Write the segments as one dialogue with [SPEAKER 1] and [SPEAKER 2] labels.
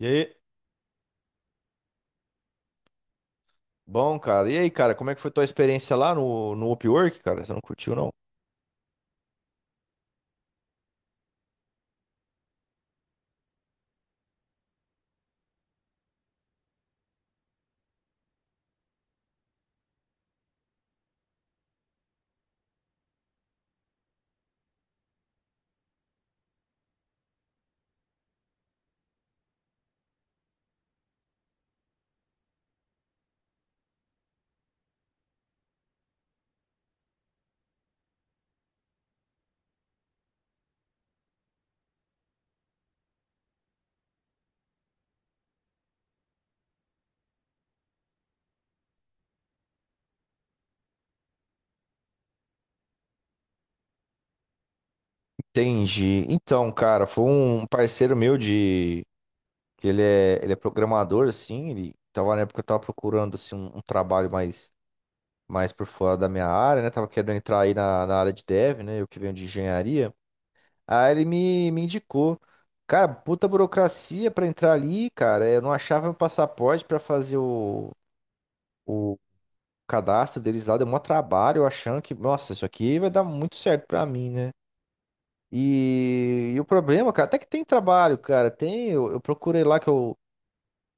[SPEAKER 1] E aí? Bom, cara. E aí, cara, como é que foi tua experiência lá no Upwork, cara? Você não curtiu, não? Entendi. Então, cara, foi um parceiro meu de... que ele é programador, assim, ele tava na época que eu tava procurando, assim, um trabalho mais por fora da minha área, né? Tava querendo entrar aí na área de dev, né? Eu que venho de engenharia. Aí ele me indicou. Cara, puta burocracia pra entrar ali, cara. Eu não achava meu passaporte pra fazer o cadastro deles lá deu maior trabalho, eu achando que, nossa, isso aqui vai dar muito certo pra mim, né? E o problema, cara, até que tem trabalho, cara. Tem, eu procurei lá que eu,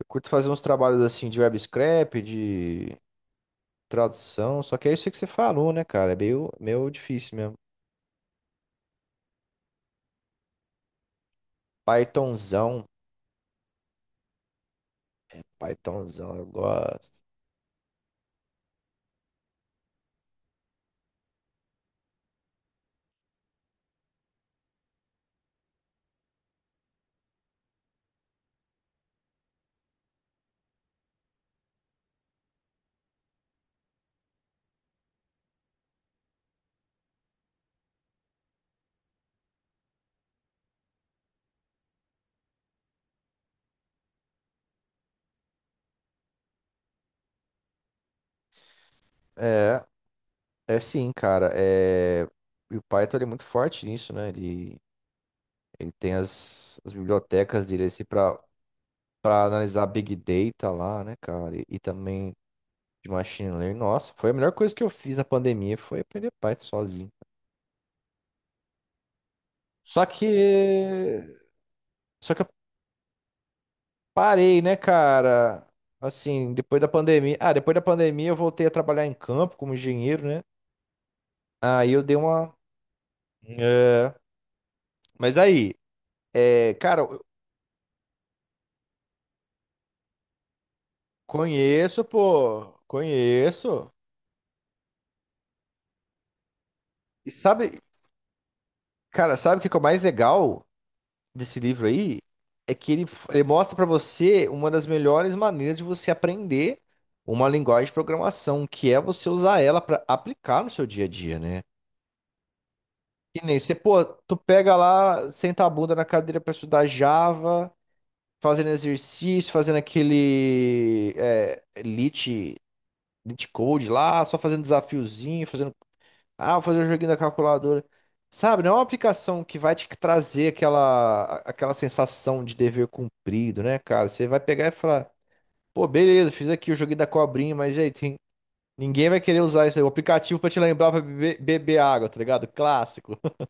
[SPEAKER 1] eu curto fazer uns trabalhos assim de web scrap, de tradução, só que é isso que você falou, né, cara? É meio difícil mesmo. Pythonzão. Pythonzão, eu gosto. É, é sim, cara. É, e o Python, ele é muito forte nisso, né? Ele tem as bibliotecas dele assim para analisar Big Data lá, né, cara? E também de Machine Learning. Nossa, foi a melhor coisa que eu fiz na pandemia, foi aprender Python sozinho. Só que, só que eu parei, né, cara? Assim, depois da pandemia. Ah, depois da pandemia eu voltei a trabalhar em campo como engenheiro, né? Aí eu dei uma. é, Mas aí, cara, eu conheço, pô, conheço. E sabe, cara, sabe o que que é o mais legal desse livro aí? É que ele mostra para você uma das melhores maneiras de você aprender uma linguagem de programação, que é você usar ela para aplicar no seu dia a dia, né? E nem você, pô, tu pega lá, senta a bunda na cadeira para estudar Java, fazendo exercício, fazendo aquele Lit Code lá, só fazendo desafiozinho, fazendo vou fazer o joguinho da calculadora. Sabe, não é uma aplicação que vai te trazer aquela sensação de dever cumprido, né, cara? Você vai pegar e falar, pô, beleza, fiz aqui o joguinho da cobrinha, mas e aí, tem... ninguém vai querer usar isso aí. O aplicativo pra te lembrar pra beber água, tá ligado? Clássico.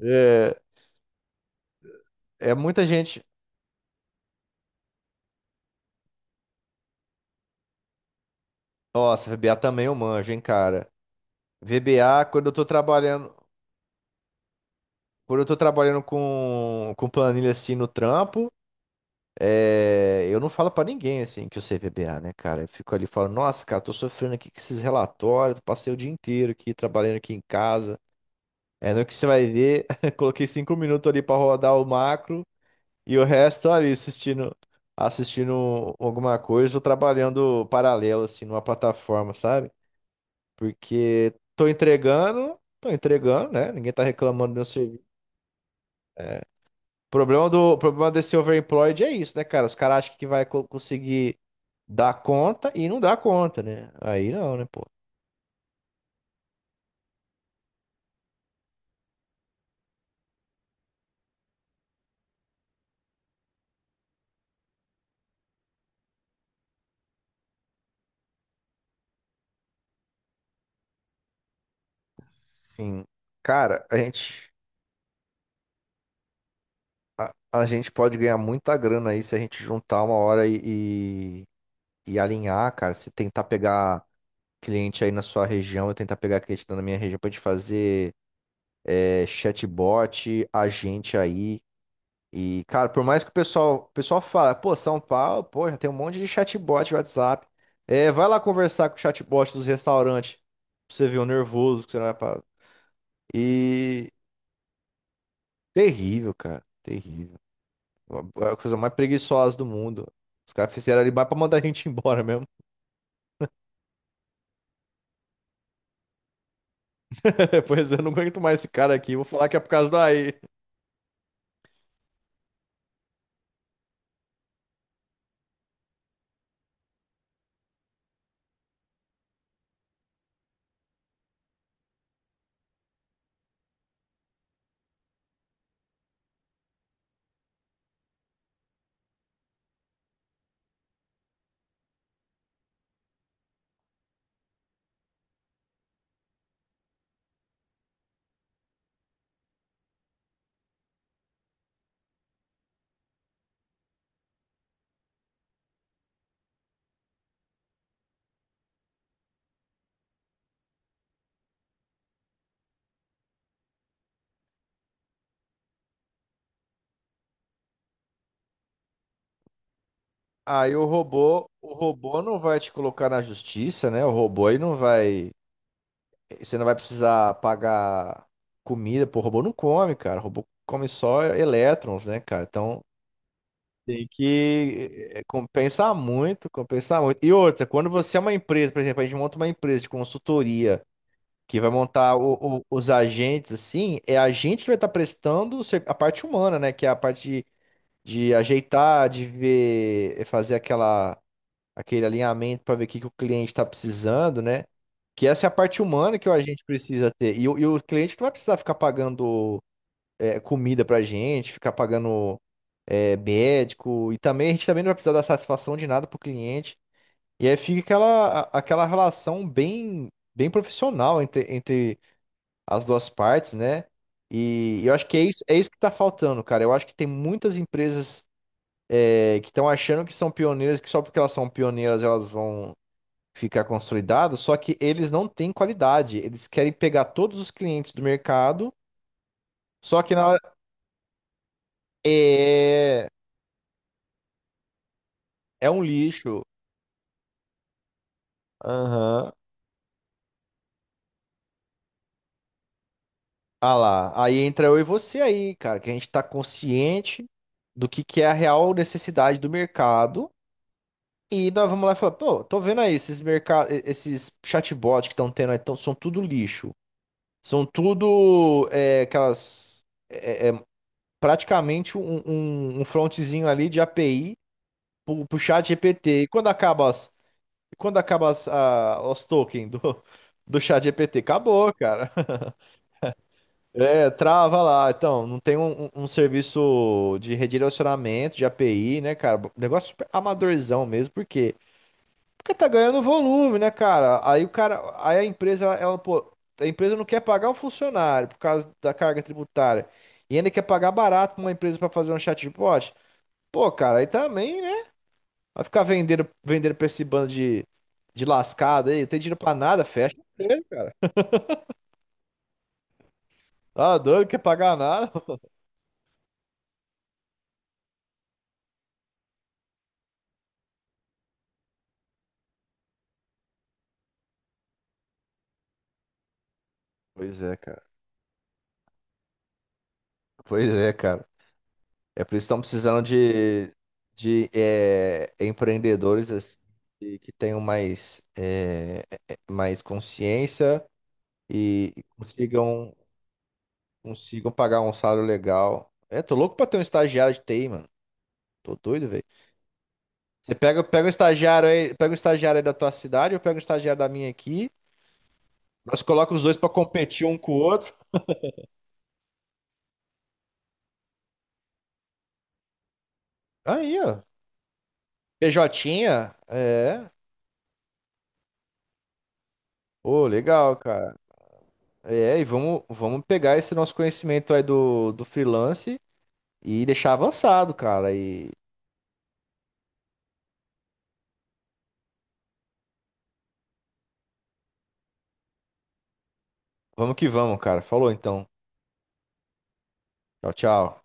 [SPEAKER 1] É, é muita gente. Nossa, VBA também eu manjo, hein, cara. VBA, quando eu tô trabalhando com planilha assim no trampo. É, eu não falo pra ninguém assim que eu sei PBA, né, cara? Eu fico ali falando, nossa, cara, tô sofrendo aqui com esses relatórios, passei o dia inteiro aqui trabalhando aqui em casa. É no que você vai ver, coloquei 5 minutos ali pra rodar o macro e o resto ali assistindo alguma coisa ou trabalhando paralelo assim numa plataforma, sabe? Porque tô entregando, né? Ninguém tá reclamando do meu serviço. É. O problema desse overemployed é isso, né, cara? Os caras acham que vai conseguir dá conta e não dá conta, né? Aí não, né, pô? Sim. Cara, a gente pode ganhar muita grana aí se a gente juntar uma hora e alinhar, cara. Se tentar pegar cliente aí na sua região, eu tentar pegar cliente na minha região pra gente fazer chatbot, agente aí. E, cara, por mais que o pessoal fala, pô, São Paulo, pô, já tem um monte de chatbot de WhatsApp. É, vai lá conversar com o chatbot dos restaurantes. Pra você ver o nervoso que você vai. E terrível, cara. Terrível. A coisa mais preguiçosa do mundo. Os caras fizeram ali mais pra mandar a gente embora mesmo. Pois eu não aguento mais esse cara aqui. Vou falar que é por causa da AI. Aí o robô não vai te colocar na justiça, né? O robô aí não vai. Você não vai precisar pagar comida, pô. O robô não come, cara. O robô come só elétrons, né, cara? Então. Tem que compensar muito, compensar muito. E outra, quando você é uma empresa, por exemplo, a gente monta uma empresa de consultoria que vai montar os agentes, assim, é a gente que vai estar prestando a parte humana, né? Que é a parte de ajeitar, de ver, fazer aquele alinhamento para ver o que, que o cliente está precisando, né? Que essa é a parte humana que o agente precisa ter. E o cliente não vai precisar ficar pagando comida pra gente, ficar pagando médico, e também a gente também não vai precisar dar satisfação de nada pro cliente. E aí fica aquela, aquela relação bem, bem profissional entre as duas partes, né? E eu acho que é isso que tá faltando, cara. Eu acho que tem muitas empresas que estão achando que são pioneiras, que só porque elas são pioneiras elas vão ficar consolidadas, só que eles não têm qualidade. Eles querem pegar todos os clientes do mercado, só que na hora. É, é um lixo. Aham. Ah lá. Aí entra eu e você aí, cara, que a gente tá consciente do que é a real necessidade do mercado. E nós vamos lá e falamos, tô vendo aí esses mercados, esses chatbots que estão tendo aí, são tudo lixo. São tudo aquelas. É, é praticamente um frontzinho ali de API pro chat GPT. E quando acaba os tokens do chat GPT? Acabou, cara. É, trava lá. Então, não tem um serviço de redirecionamento de API, né, cara? Negócio super amadorzão mesmo. Porque tá ganhando volume, né, cara? Aí a empresa, a empresa não quer pagar o funcionário por causa da carga tributária. E ainda quer pagar barato pra uma empresa pra fazer um chatbot. Pô, cara, aí também, né? Vai ficar vendendo, vendendo pra esse bando de lascado aí, não tem dinheiro pra nada, fecha a empresa, cara. Tá doido, não quer pagar nada. Pois é, cara. Pois é, cara. É por isso que estão precisando de empreendedores assim, que tenham mais consciência e consigam pagar um salário legal. É, tô louco pra ter um estagiário de TI, mano. Tô doido, velho. Você pega um estagiário aí, pega um estagiário aí da tua cidade, eu pego um estagiário da minha aqui. Nós colocamos os dois pra competir um com o outro. Aí, ó. PJ, é. Ô, legal, cara. É, e vamos pegar esse nosso conhecimento aí do freelance e deixar avançado, cara. E vamos que vamos, cara. Falou então. Tchau, tchau.